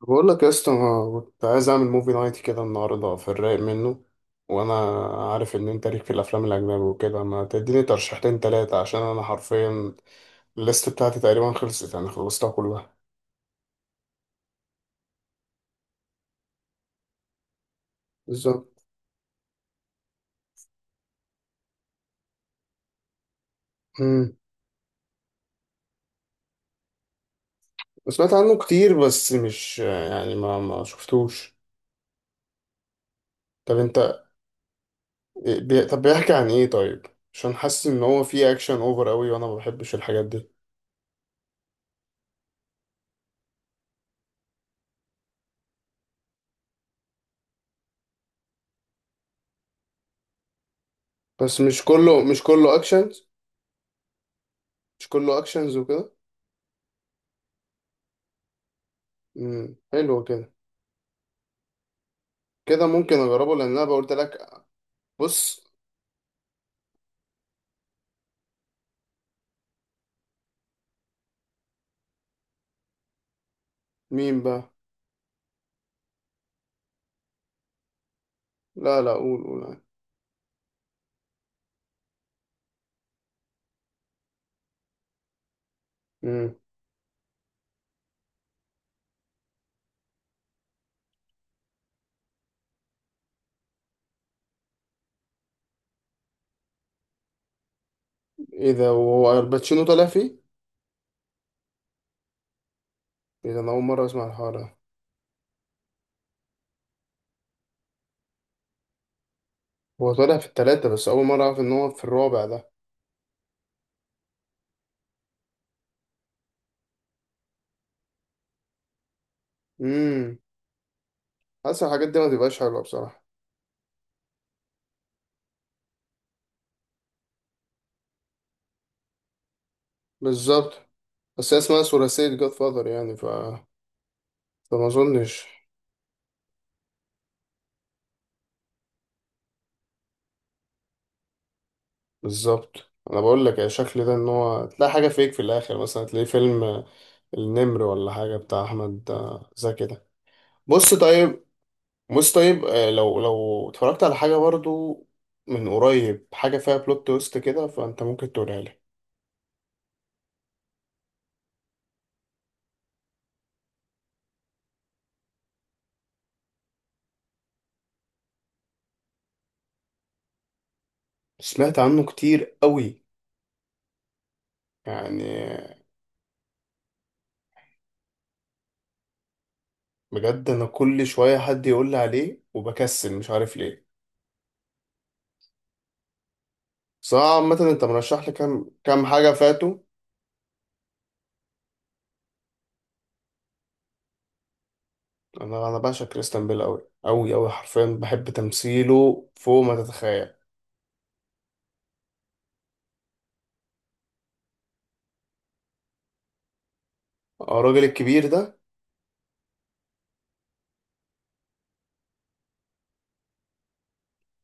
بقول لك يا اسطى، أنا كنت عايز اعمل موفي نايت كده النهارده في الرايق منه. وانا عارف ان انت ليك في الافلام الاجنبي وكده، ما تديني ترشيحتين تلاتة؟ عشان انا حرفيا الليست بتاعتي تقريبا خلصت، يعني خلصتها كلها. بالظبط. امم سمعت عنه كتير، بس مش يعني ما شفتوش. طب انت... طب بيحكي عن ايه طيب؟ عشان حاسس ان هو فيه اكشن اوفر قوي وانا ما بحبش الحاجات دي. بس مش كله اكشنز. مش كله اكشنز وكده. حلو كده. كده ممكن اجربه لان انا قلت لك. بص. مين بقى؟ لا لا، قول قول عادي. امم ايه ده، وهو الباتشينو طالع فيه؟ ايه ده، انا اول مره اسمع الحوار ده. هو طالع في التلاتة، بس اول مره اعرف ان هو في الرابع ده. امم حاسس الحاجات دي ما تبقاش حلوه بصراحه. بالظبط. بس هي اسمها ثلاثيه جاد فاذر يعني، فما اظنش. بالظبط. انا بقول لك يا شكل ده ان هو تلاقي حاجه فيك في الاخر، مثلا تلاقي فيلم النمر ولا حاجه بتاع احمد زكي ده. بص طيب. بص طيب، لو اتفرجت على حاجة برضو من قريب، حاجة فيها بلوت تويست كده، فأنت ممكن تقولها لي. سمعت عنه كتير قوي. يعني بجد أنا كل شوية حد يقول لي عليه وبكسل مش عارف ليه. بس أنا عامة أنت مرشح لي كام حاجة فاتوا. أنا بعشق كريستيان بيل قوي قوي قوي، حرفيا بحب تمثيله فوق ما تتخيل. آه، الراجل الكبير ده.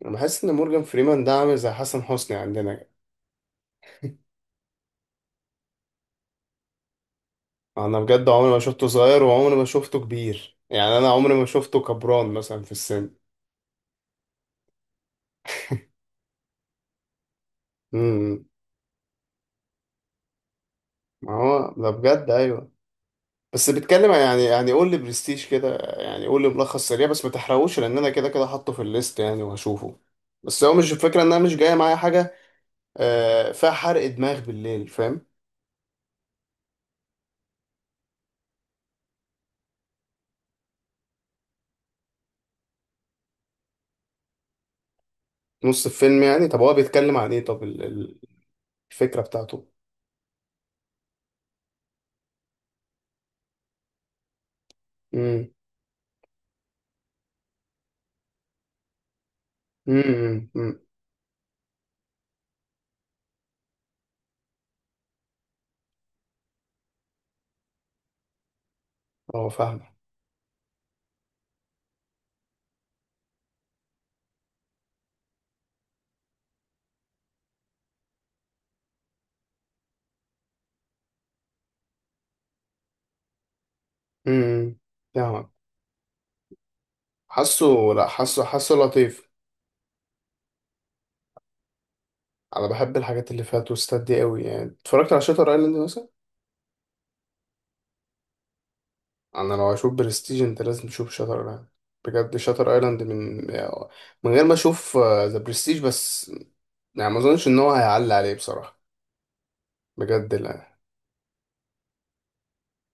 أنا بحس إن مورجان فريمان ده عامل زي حسن حسني عندنا. انا بجد عمري ما شفته صغير وعمري ما شفته كبير، يعني انا عمري ما شفته كبران مثلا في السن. إمم. ما هو ده بجد، ايوه. بس بيتكلم عن- يعني يعني قول لي برستيج كده، يعني قول لي ملخص سريع بس ما تحرقوش، لان انا كده كده حاطه في الليست يعني وهشوفه. بس هو مش الفكره ان انا مش جايه معايا حاجه فيها حرق دماغ بالليل، فاهم؟ نص الفيلم يعني، طب هو بيتكلم عن ايه؟ طب الفكره بتاعته؟ امم امم امم هو فاهمه. إمم. فاهمك. حاسه. لا حاسه، حاسه لطيف. انا بحب الحاجات اللي فيها توستات دي قوي، يعني اتفرجت على شاتر ايلاند مثلا. انا لو هشوف برستيج انت لازم تشوف شاتر ايلاند. بجد شاتر ايلاند من من غير ما اشوف ذا برستيج، بس يعني ما اظنش ان هو هيعلي عليه بصراحه. بجد لا.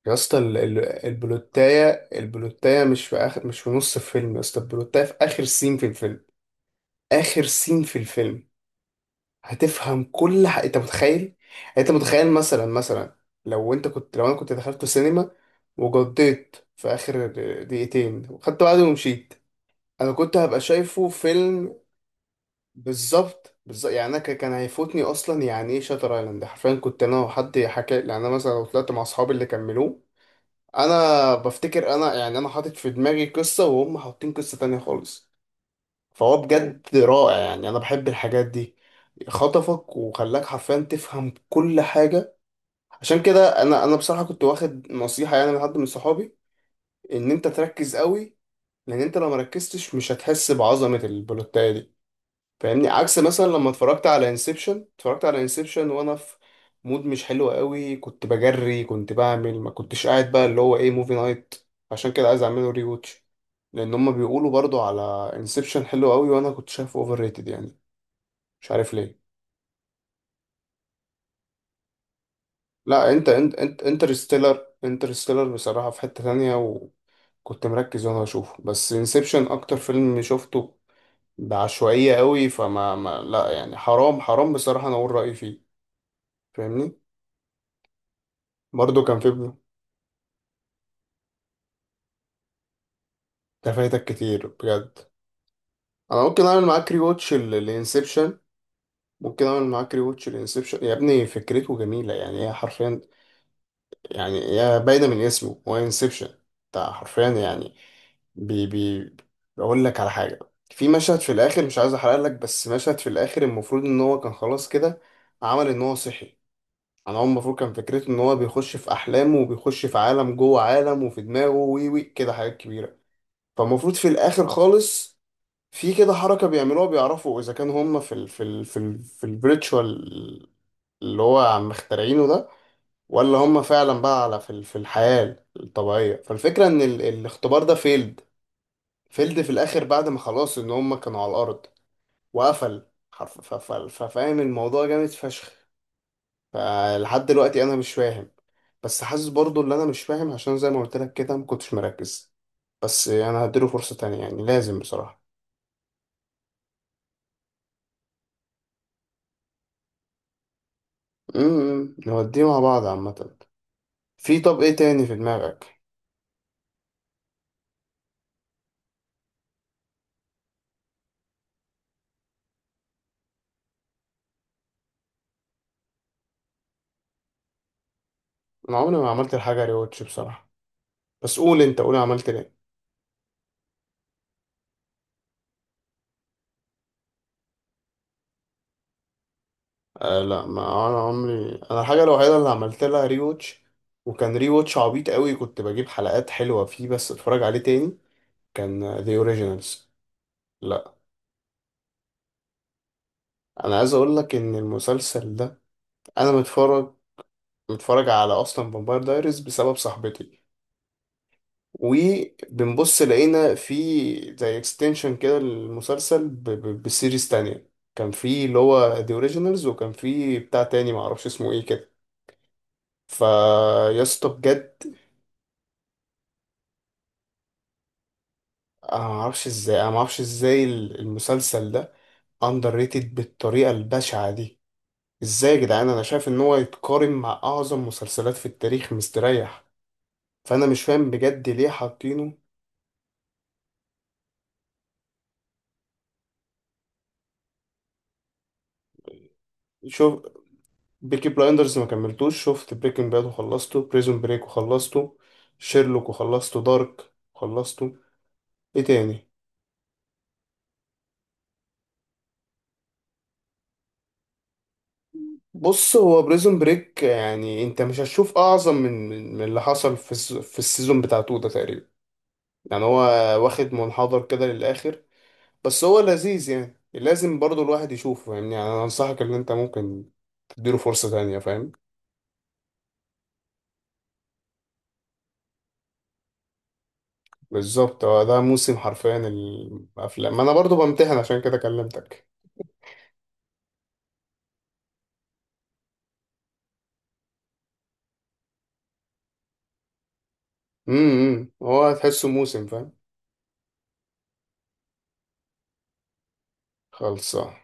يا اسطى البلوتايه، البلوتايه مش في اخر، مش في نص الفيلم يا اسطى. البلوتايه في اخر سين في الفيلم. اخر سين في الفيلم. هتفهم كل حاجة، انت متخيل؟ انت متخيل مثلا مثلا، لو انا كنت دخلت السينما وجديت في اخر دقيقتين وخدت بعضي ومشيت، انا كنت هبقى شايفه فيلم. بالظبط بالظبط، يعني انا كان هيفوتني اصلا. يعني ايه شاتر ايلاند حرفيا، كنت انا وحد حكى، يعني انا مثلا لو طلعت مع اصحابي اللي كملوه، انا بفتكر انا، يعني انا حاطط في دماغي قصة وهم حاطين قصة تانية خالص. فهو بجد رائع، يعني انا بحب الحاجات دي. خطفك وخلاك حرفيا تفهم كل حاجة. عشان كده انا، بصراحة كنت واخد نصيحة يعني من حد من صحابي ان انت تركز قوي، لان انت لو مركزتش مش هتحس بعظمة البلوتاية دي. فاهمني؟ عكس مثلا لما اتفرجت على انسبشن، اتفرجت على انسبشن وانا في مود مش حلو قوي، كنت بجري، كنت بعمل، ما كنتش قاعد بقى اللي هو ايه موفي نايت. عشان كده عايز اعمله ري واتش، لان هم بيقولوا برضو على انسبشن حلو قوي وانا كنت شايفه اوفر ريتد، يعني مش عارف ليه. لا انت انت انترستيلر، انترستيلر بصراحة في حتة تانية وكنت مركز وانا بشوفه. بس انسبشن اكتر فيلم شفته بعشوائية قوي، فما ما لا يعني حرام حرام بصراحة انا اقول رأيي فيه. فاهمني؟ برضو كان في ابنه ده، فايتك كتير بجد. انا ممكن اعمل معاك ري واتش لانسبشن. ممكن اعمل معاك ري واتش لانسبشن يا ابني. فكرته جميلة يعني، هي حرفيا يعني، يا باينة من اسمه، هو انسبشن بتاع حرفيا يعني. بي بي بقول لك على حاجة. في مشهد في الآخر، مش عايز أحرق لك، بس مشهد في الآخر المفروض إن هو كان خلاص كده عمل إن هو صحي. أنا هو المفروض كان فكرته إن هو بيخش في أحلامه، وبيخش في عالم جوه عالم، وفي دماغه وي وي كده، حاجات كبيرة. فالمفروض في الآخر خالص في كده حركة بيعملوها بيعرفوا إذا كان هما في ال في ال في ال في الفيرتشوال اللي هو عم مخترعينه ده، ولا هم فعلا بقى على في الحياة الطبيعية. فالفكرة ان الاختبار ده فيلد. فيلد في الاخر بعد ما خلاص ان هم كانوا على الارض. وقفل حرف- ف- ف- ففاهم الموضوع جامد فشخ. فلحد دلوقتي انا مش فاهم. بس حاسس برضو ان انا مش فاهم عشان زي ما قلت لك كده ما كنتش مركز. بس انا هديله فرصة تانية، يعني لازم بصراحة. نوديه مع بعض عامة. في؟ طب ايه تاني في دماغك؟ انا عمري ما عملت الحاجة ريوتش بصراحة. بس قول انت، قول عملت ليه. آه لا، ما انا عمري، انا الحاجه الوحيده اللي عملت لها ري واتش وكان ري واتش عبيط قوي، كنت بجيب حلقات حلوه فيه بس اتفرج عليه تاني، كان ذا اوريجينالز. لا انا عايز اقول لك ان المسلسل ده، انا متفرج متفرج على اصلا فامباير دايريز بسبب صاحبتي، وبنبص لقينا في زي اكستنشن كده للمسلسل بسيريز تانية. كان في اللي هو ذا اوريجينالز، وكان في بتاع تاني معرفش اسمه ايه كده. فيا اسطى بجد، انا ما اعرفش ازاي المسلسل ده اندر ريتد بالطريقه البشعه دي. ازاي يا جدعان، انا شايف ان هو يتقارن مع اعظم مسلسلات في التاريخ مستريح. فانا مش فاهم بجد ليه حاطينه. شوف. بيكي بلايندرز ما كملتوش، شفت بريكنج باد وخلصته، بريزون بريك وخلصته، شيرلوك وخلصته، دارك وخلصته. ايه تاني؟ بص هو بريزون بريك، يعني انت مش هتشوف اعظم من من اللي حصل في في السيزون بتاع تو ده تقريبا. يعني هو واخد منحدر كده للآخر. بس هو لذيذ يعني، لازم برضو الواحد يشوفه يعني, أنا أنصحك إن أنت ممكن تديله فرصة تانية، فاهم؟ بالظبط، هو ده موسم حرفيا الأفلام، ما أنا برضو بمتحن عشان كده كلمتك. هو هتحسه موسم، فاهم؟ خلصان.